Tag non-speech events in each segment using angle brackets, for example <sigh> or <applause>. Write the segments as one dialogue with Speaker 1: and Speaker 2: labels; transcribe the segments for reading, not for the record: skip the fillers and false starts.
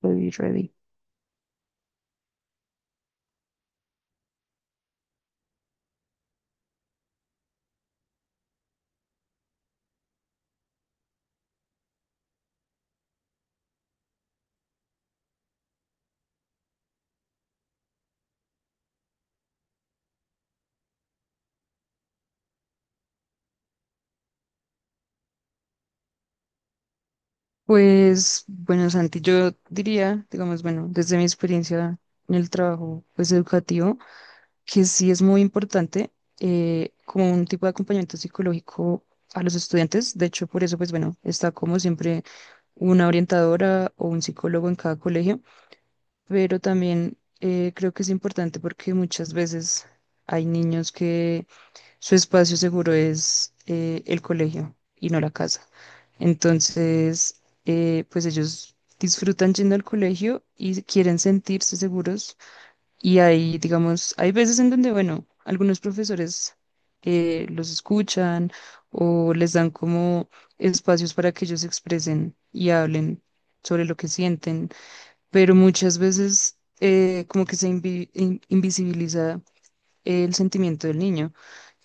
Speaker 1: Ready, ready. Pues bueno, Santi, yo diría, digamos, bueno, desde mi experiencia en el trabajo pues educativo, que sí es muy importante, como un tipo de acompañamiento psicológico a los estudiantes. De hecho, por eso pues bueno, está como siempre una orientadora o un psicólogo en cada colegio, pero también, creo que es importante porque muchas veces hay niños que su espacio seguro es, el colegio y no la casa. Entonces, pues ellos disfrutan yendo al colegio y quieren sentirse seguros. Y hay, digamos, hay veces en donde, bueno, algunos profesores, los escuchan o les dan como espacios para que ellos se expresen y hablen sobre lo que sienten, pero muchas veces, como que invisibiliza el sentimiento del niño.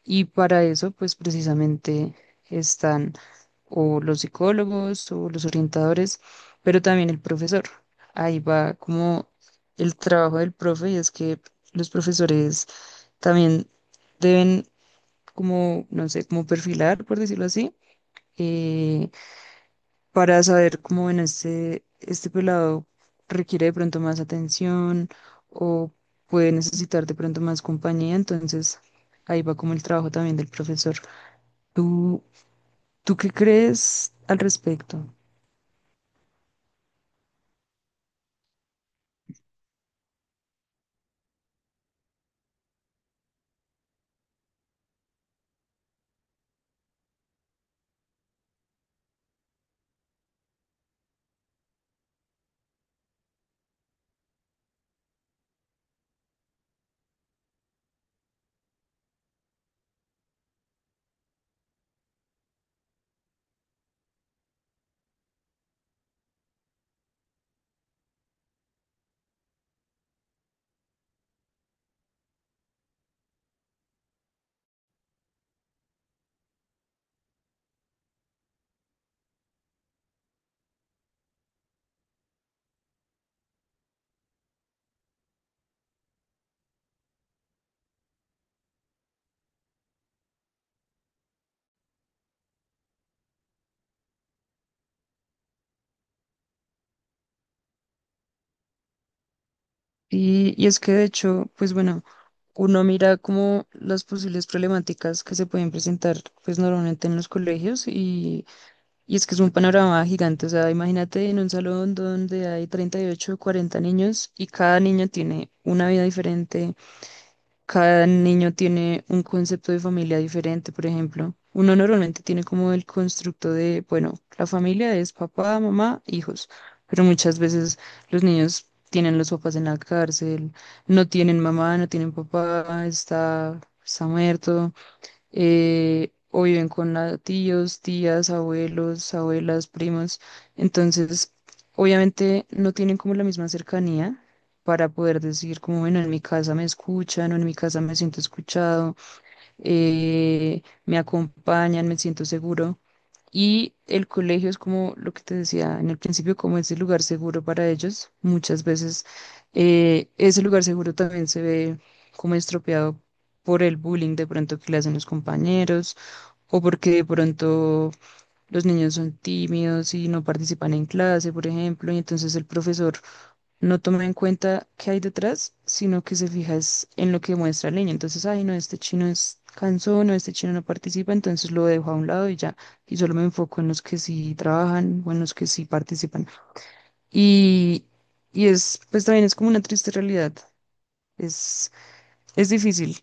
Speaker 1: Y para eso, pues precisamente están o los psicólogos o los orientadores, pero también el profesor. Ahí va como el trabajo del profe y es que los profesores también deben como, no sé, como perfilar, por decirlo así, eh, para saber cómo en este pelado requiere de pronto más atención o puede necesitar de pronto más compañía. Entonces, ahí va como el trabajo también del profesor. ¿Tú ¿Tú qué crees al respecto? Y es que de hecho, pues bueno, uno mira como las posibles problemáticas que se pueden presentar, pues normalmente en los colegios y es que es un panorama gigante. O sea, imagínate en un salón donde hay 38 o 40 niños y cada niño tiene una vida diferente. Cada niño tiene un concepto de familia diferente, por ejemplo. Uno normalmente tiene como el constructo de, bueno, la familia es papá, mamá, hijos, pero muchas veces los niños tienen los papás en la cárcel, no tienen mamá, no tienen papá, está, está muerto, o viven con tíos, tías, abuelos, abuelas, primos. Entonces, obviamente no tienen como la misma cercanía para poder decir como, bueno, en mi casa me escuchan o en mi casa me siento escuchado, me acompañan, me siento seguro. Y el colegio es como lo que te decía en el principio, como ese lugar seguro para ellos. Muchas veces, ese lugar seguro también se ve como estropeado por el bullying de pronto que le hacen los compañeros o porque de pronto los niños son tímidos y no participan en clase, por ejemplo, y entonces el profesor no toma en cuenta qué hay detrás, sino que se fija es en lo que muestra la niña. Entonces, ay, no, este chino es cansón, no, este chino no participa, entonces lo dejo a un lado y ya. Y solo me enfoco en los que sí trabajan o en los que sí participan. Y, y es, pues también es como una triste realidad. Es, es difícil.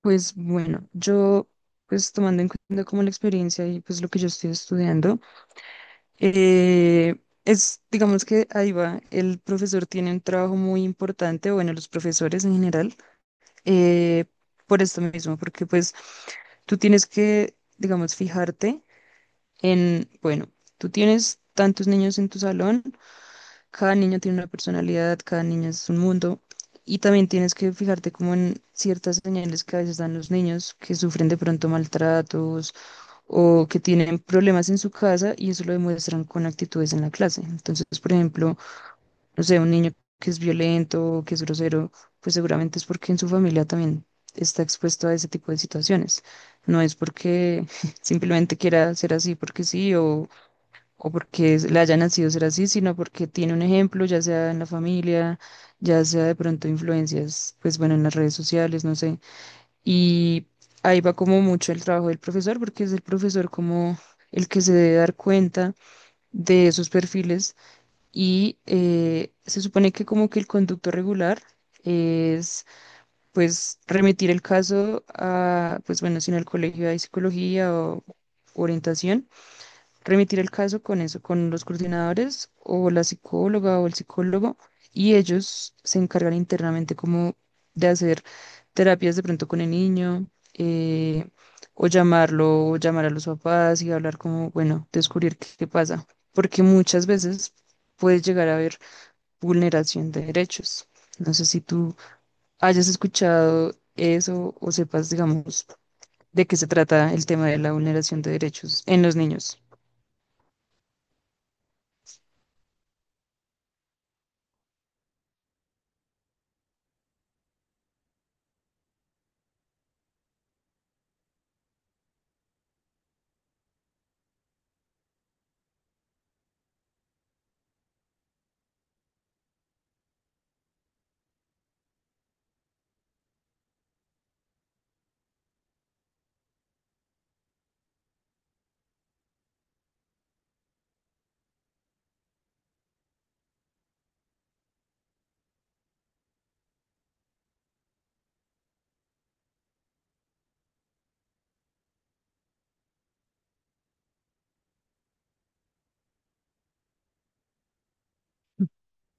Speaker 1: Pues bueno, yo, pues tomando en cuenta como la experiencia y pues lo que yo estoy estudiando. Eh, es, digamos que ahí va, el profesor tiene un trabajo muy importante, bueno, los profesores en general, eh, por esto mismo, porque pues tú tienes que, digamos, fijarte en, bueno, tú tienes tantos niños en tu salón, cada niño tiene una personalidad, cada niño es un mundo, y también tienes que fijarte como en ciertas señales que a veces dan los niños que sufren de pronto maltratos o que tienen problemas en su casa y eso lo demuestran con actitudes en la clase. Entonces, por ejemplo, no sé, un niño que es violento, que es grosero, pues seguramente es porque en su familia también está expuesto a ese tipo de situaciones. No es porque <laughs> simplemente quiera ser así porque sí o porque le haya nacido ser así, sino porque tiene un ejemplo, ya sea en la familia, ya sea de pronto influencias, pues bueno, en las redes sociales, no sé. Y ahí va como mucho el trabajo del profesor, porque es el profesor como el que se debe dar cuenta de esos perfiles. Y se supone que como que el conducto regular es pues remitir el caso a, pues bueno, si en el colegio hay psicología o orientación, remitir el caso con eso, con los coordinadores o la psicóloga o el psicólogo, y ellos se encargan internamente como de hacer terapias de pronto con el niño, eh, o llamarlo, o llamar a los papás y hablar como, bueno, descubrir qué, qué pasa, porque muchas veces puede llegar a haber vulneración de derechos. No sé si tú hayas escuchado eso o sepas, digamos, de qué se trata el tema de la vulneración de derechos en los niños.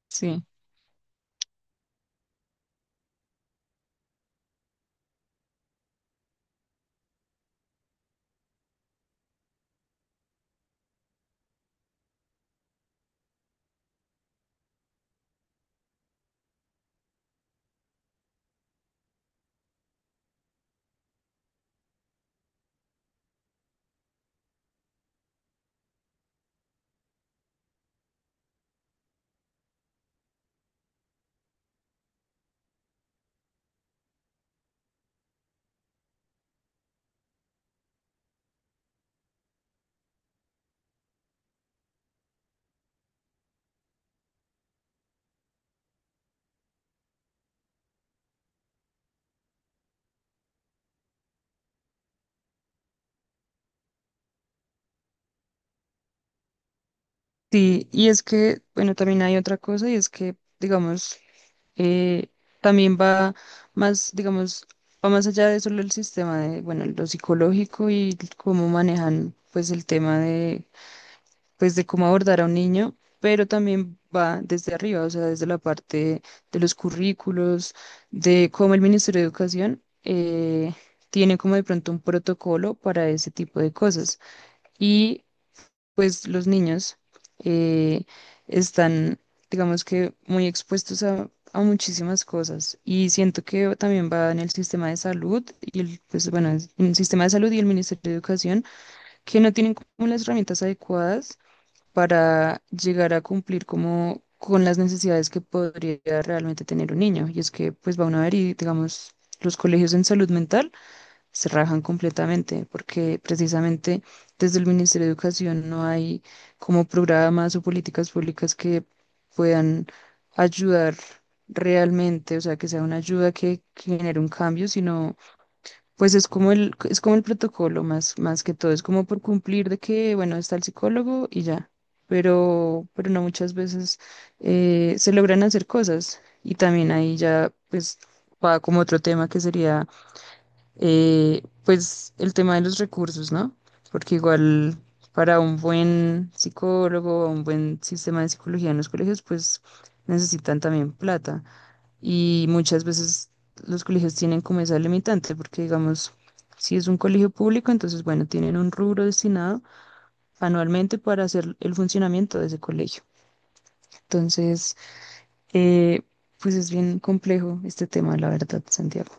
Speaker 1: Sí. Sí, y es que, bueno, también hay otra cosa y es que, digamos, eh, también va más, digamos, va más allá de solo el sistema de, bueno, lo psicológico y cómo manejan, pues, el tema de, pues, de cómo abordar a un niño, pero también va desde arriba, o sea, desde la parte de los currículos, de cómo el Ministerio de Educación, tiene como de pronto un protocolo para ese tipo de cosas. Y pues los niños, eh, están, digamos, que muy expuestos a muchísimas cosas y siento que también va en el sistema de salud y el, pues bueno, en el sistema de salud y el Ministerio de Educación que no tienen como las herramientas adecuadas para llegar a cumplir como con las necesidades que podría realmente tener un niño. Y es que pues va uno a ver y digamos, los colegios en salud mental se rajan completamente, porque precisamente desde el Ministerio de Educación no hay como programas o políticas públicas que puedan ayudar realmente, o sea, que sea una ayuda que genere un cambio, sino pues es como el protocolo más, más que todo, es como por cumplir de que, bueno, está el psicólogo y ya. Pero no muchas veces se logran hacer cosas y también ahí ya pues va como otro tema que sería, pues el tema de los recursos, ¿no? Porque igual para un buen psicólogo, un buen sistema de psicología en los colegios, pues necesitan también plata. Y muchas veces los colegios tienen como esa limitante, porque digamos, si es un colegio público, entonces bueno, tienen un rubro destinado anualmente para hacer el funcionamiento de ese colegio. Entonces, eh, pues es bien complejo este tema, la verdad, Santiago.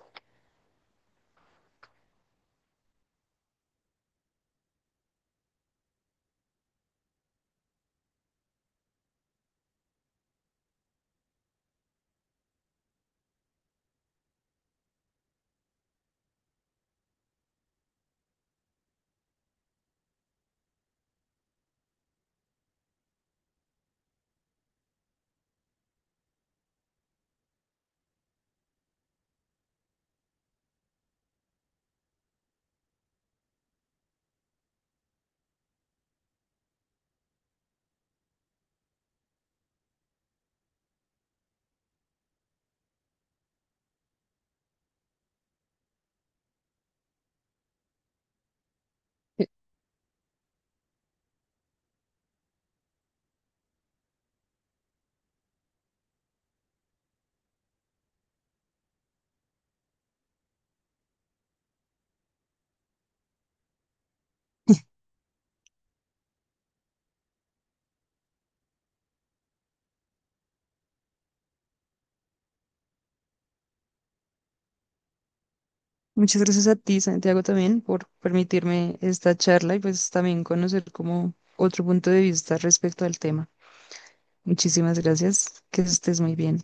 Speaker 1: Muchas gracias a ti, Santiago, también por permitirme esta charla y pues también conocer como otro punto de vista respecto al tema. Muchísimas gracias, que estés muy bien.